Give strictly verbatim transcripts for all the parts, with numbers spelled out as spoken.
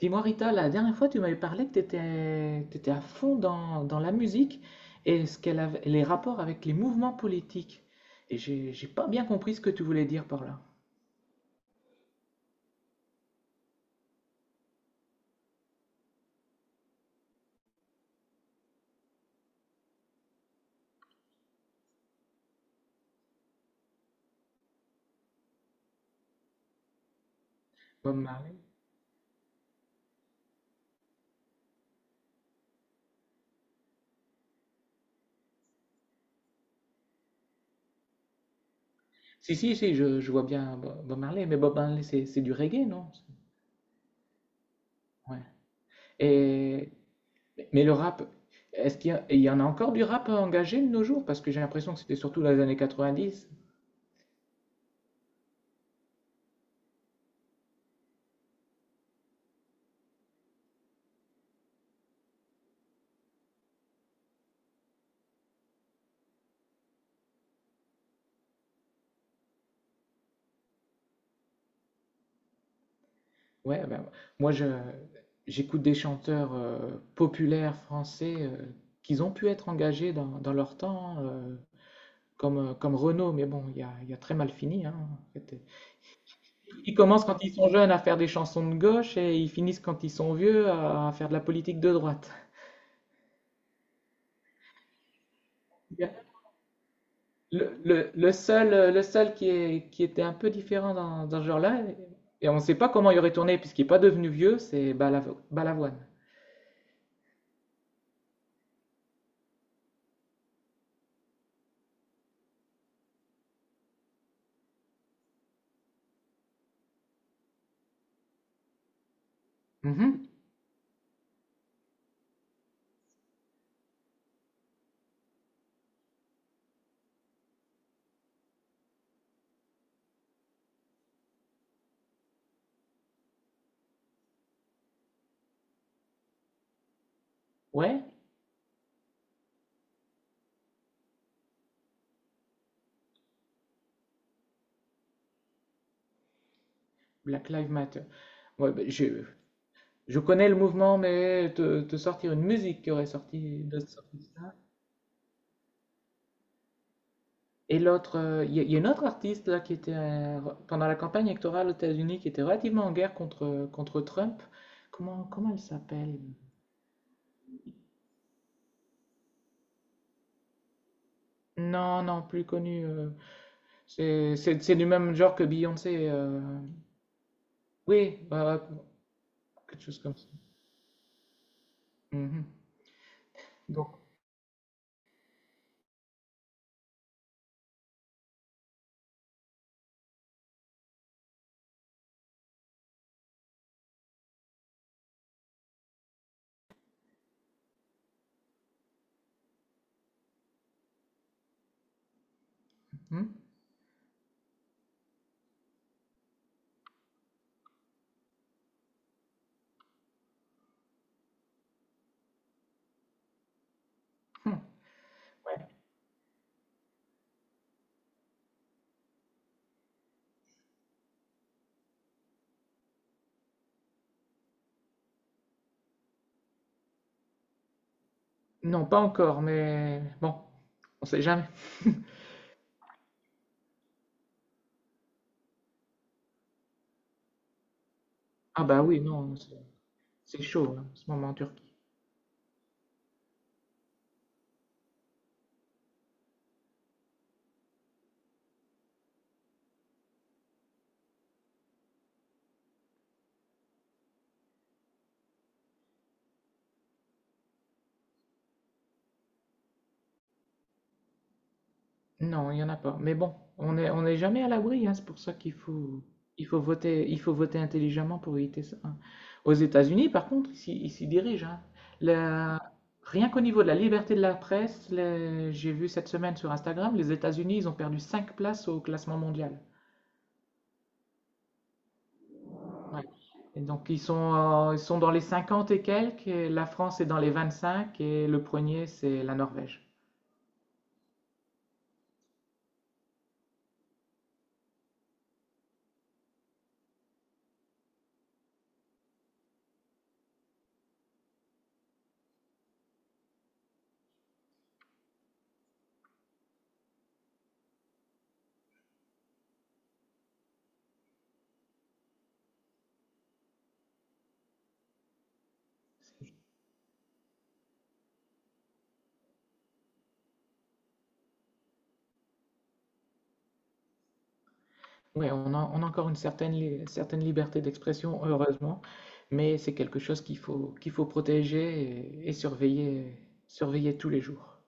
Dis-moi Rita, la dernière fois tu m'avais parlé que tu étais, à fond dans, dans la musique et ce qu'elle avait- les rapports avec les mouvements politiques. Et j'ai j'ai pas bien compris ce que tu voulais dire par là. Bob Marley? Si, si, si, je, je vois bien Bo- Bob Marley, mais Bob Marley c'est c'est du reggae, non? Ouais. Et, mais le rap, est-ce qu'il y a- il y en a encore du rap engagé de nos jours? Parce que j'ai l'impression que c'était surtout dans les années quatre-vingt-dix. Ouais, ben, moi je j'écoute des chanteurs euh, populaires français euh, qu'ils ont pu être engagés dans, dans, leur temps, euh, comme, euh, comme Renaud, mais bon, il a, il a très mal fini, hein, en fait. Ils commencent quand ils sont jeunes à faire des chansons de gauche et ils finissent quand ils sont vieux à, à, faire de la politique de droite. Le, le- le seul, le seul, qui est, qui était un peu différent dans, dans ce genre-là, et on ne sait pas comment il aurait tourné puisqu'il n'est pas devenu vieux, c'est Balav- Balavoine. Mhm. Ouais. Black Lives Matter. Ouais, ben, je, je connais le mouvement, mais te, te sortir une musique qui aurait sorti de sorti ça. Et l'autre, euh, il y, a il y a une autre artiste là qui était euh, pendant la campagne électorale aux États-Unis qui était relativement en guerre contre, contre Trump. Comment, comment elle s'appelle? Non, non, plus connue. euh, c'est c'est- c'est du même genre que Beyoncé. euh, Oui, euh, quelque chose comme ça. Mhm. Donc, hum, hum, ouais. Non, pas encore, mais bon, on sait jamais. Ah bah oui, non. C'est chaud, hein, en ce moment en Turquie. Non, il n'y en a pas. Mais bon, on est, on n'est jamais à l'abri, hein, c'est pour ça qu'il faut, il faut voter, il faut voter, intelligemment pour éviter ça, hein. Aux États-Unis, par contre, ils s'y ils s'y dirigent, hein. La- Rien qu'au niveau de la liberté de la presse, les- j'ai vu cette semaine sur Instagram, les États-Unis, ils ont perdu cinq places au classement mondial. Ouais. Et donc, ils sont, euh, ils sont dans les cinquante et quelques, et la France est dans les vingt-cinq et le premier, c'est la Norvège. Oui, on a, on a encore une certaine, li- certaine liberté d'expression, heureusement, mais c'est quelque chose qu'il faut, qu'il faut protéger et, et surveiller, surveiller, tous les jours.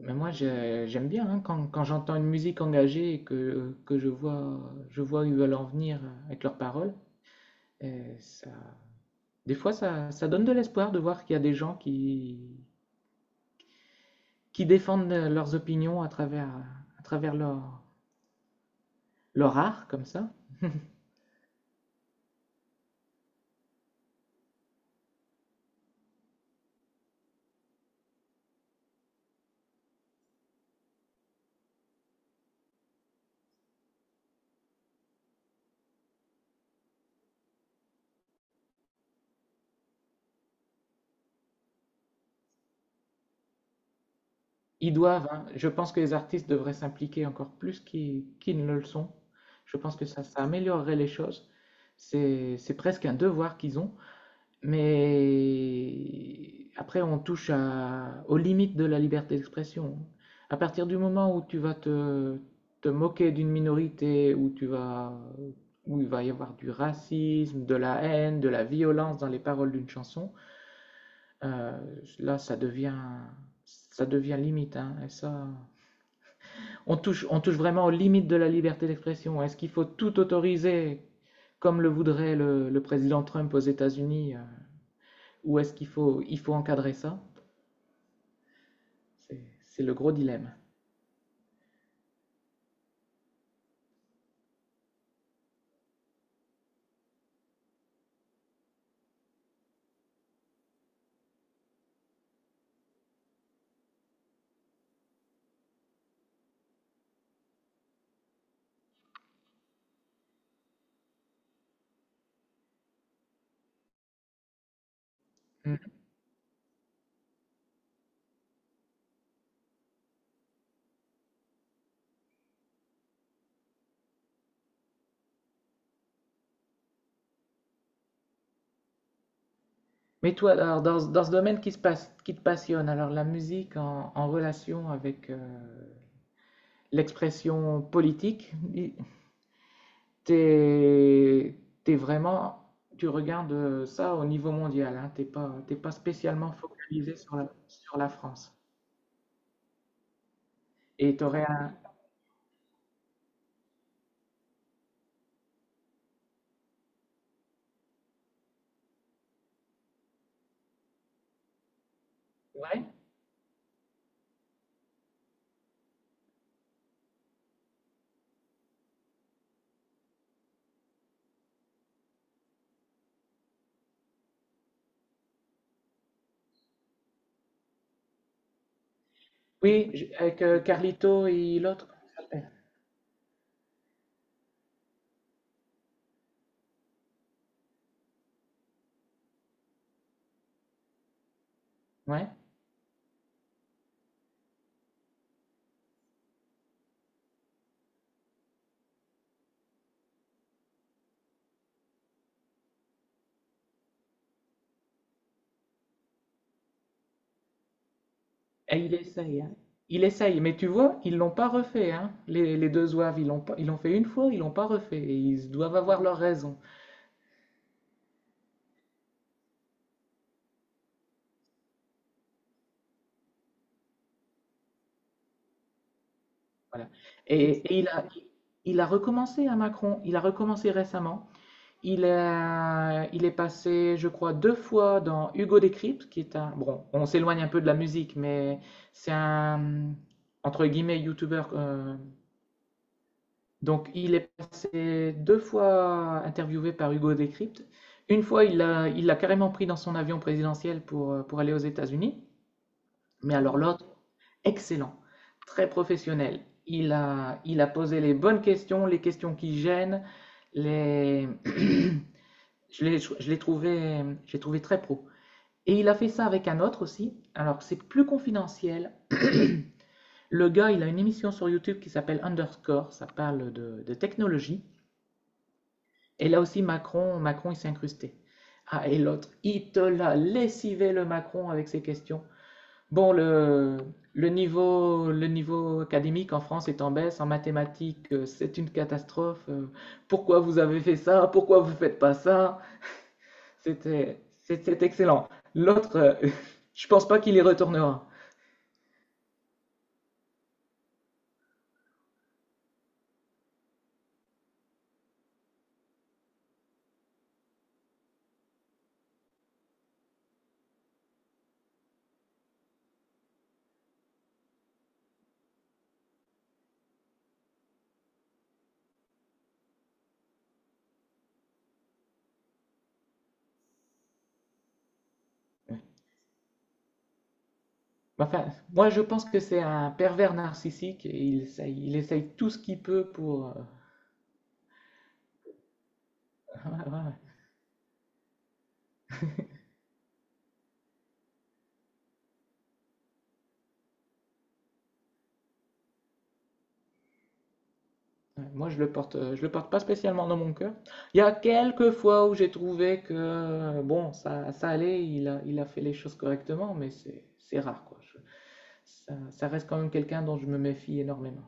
Mais moi, j'ai- j'aime bien, hein, quand, quand, j'entends une musique engagée et que, que, je vois, je vois où ils veulent en venir avec leurs paroles. euh, ça, des fois, ça, ça donne de l'espoir de voir qu'il y a des gens qui, qui, défendent leurs opinions à travers, à travers, leur, leur art, comme ça. Ils doivent, hein. Je pense que les artistes devraient s'impliquer encore plus qu'ils qu'ils ne le sont. Je pense que ça, ça améliorerait les choses. C'est, c'est presque un devoir qu'ils ont. Mais après, on touche à- aux limites de la liberté d'expression. À partir du moment où tu vas te, te, moquer d'une minorité, où tu vas, où il va y avoir du racisme, de la haine, de la violence dans les paroles d'une chanson, euh, là, ça devient, ça devient limite, hein. Et ça. On touche, on touche vraiment aux limites de la liberté d'expression. Est-ce qu'il faut tout autoriser comme le voudrait le, le président Trump aux États-Unis, euh, ou est-ce qu'il faut, il faut encadrer ça? C'est- C'est le gros dilemme. Mm. Mais toi, alors, dans, dans, ce domaine qui, se passe, qui te passionne, alors la musique en, en relation avec euh, l'expression politique, t'es, t'es vraiment, tu regardes euh, ça au niveau mondial, hein, t'es pas, t'es pas spécialement focalisé sur la, sur la France. Et t'aurais un. Ouais. Oui, je- avec euh, Carlito et l'autre. Ouais. Et il essaye, hein. Il essaye, mais tu vois, ils l'ont pas refait, hein. Les, les deux zouaves, ils l'ont pas- ils l'ont fait une fois, ils l'ont pas refait. Et ils doivent avoir leur raison. Voilà. Et, et il a, il a recommencé à Macron. Il a recommencé récemment. Il a- il est passé, je crois, deux fois dans Hugo Décrypte, qui est un. Bon, on s'éloigne un peu de la musique, mais c'est un entre guillemets youtubeur. euh, Donc, il est passé deux fois interviewé par Hugo Décrypte. Une fois, il l'a il l'a carrément pris dans son avion présidentiel pour, euh, pour aller aux États-Unis. Mais alors, l'autre, excellent, très professionnel. Il a, il a posé les bonnes questions, les questions qui gênent. Les... je l'ai je l'ai trouvé, J'ai trouvé très pro. Et il a fait ça avec un autre aussi. Alors, c'est plus confidentiel. Le gars, il a une émission sur YouTube qui s'appelle Underscore. Ça parle de, de technologie. Et là aussi, Macron, Macron, il s'est incrusté. Ah, et l'autre, il te l'a lessivé le Macron avec ses questions. Bon, le, le niveau, le niveau académique en France est en baisse, en mathématiques, euh, c'est une catastrophe. euh, Pourquoi vous avez fait ça? Pourquoi vous ne faites pas ça? C'était, c'est excellent. L'autre, euh, je ne pense pas qu'il y retournera. Enfin, moi, je pense que c'est un pervers narcissique et il essaye, il essaye, tout ce qu'il peut pour. euh, voilà. Ouais, moi, je le porte, euh, je le porte pas spécialement dans mon cœur. Il y a quelques fois où j'ai trouvé que euh, bon, ça, ça, allait, il a, il a fait les choses correctement, mais c'est, c'est rare quoi. Je- ça, ça, reste quand même quelqu'un dont je me méfie énormément.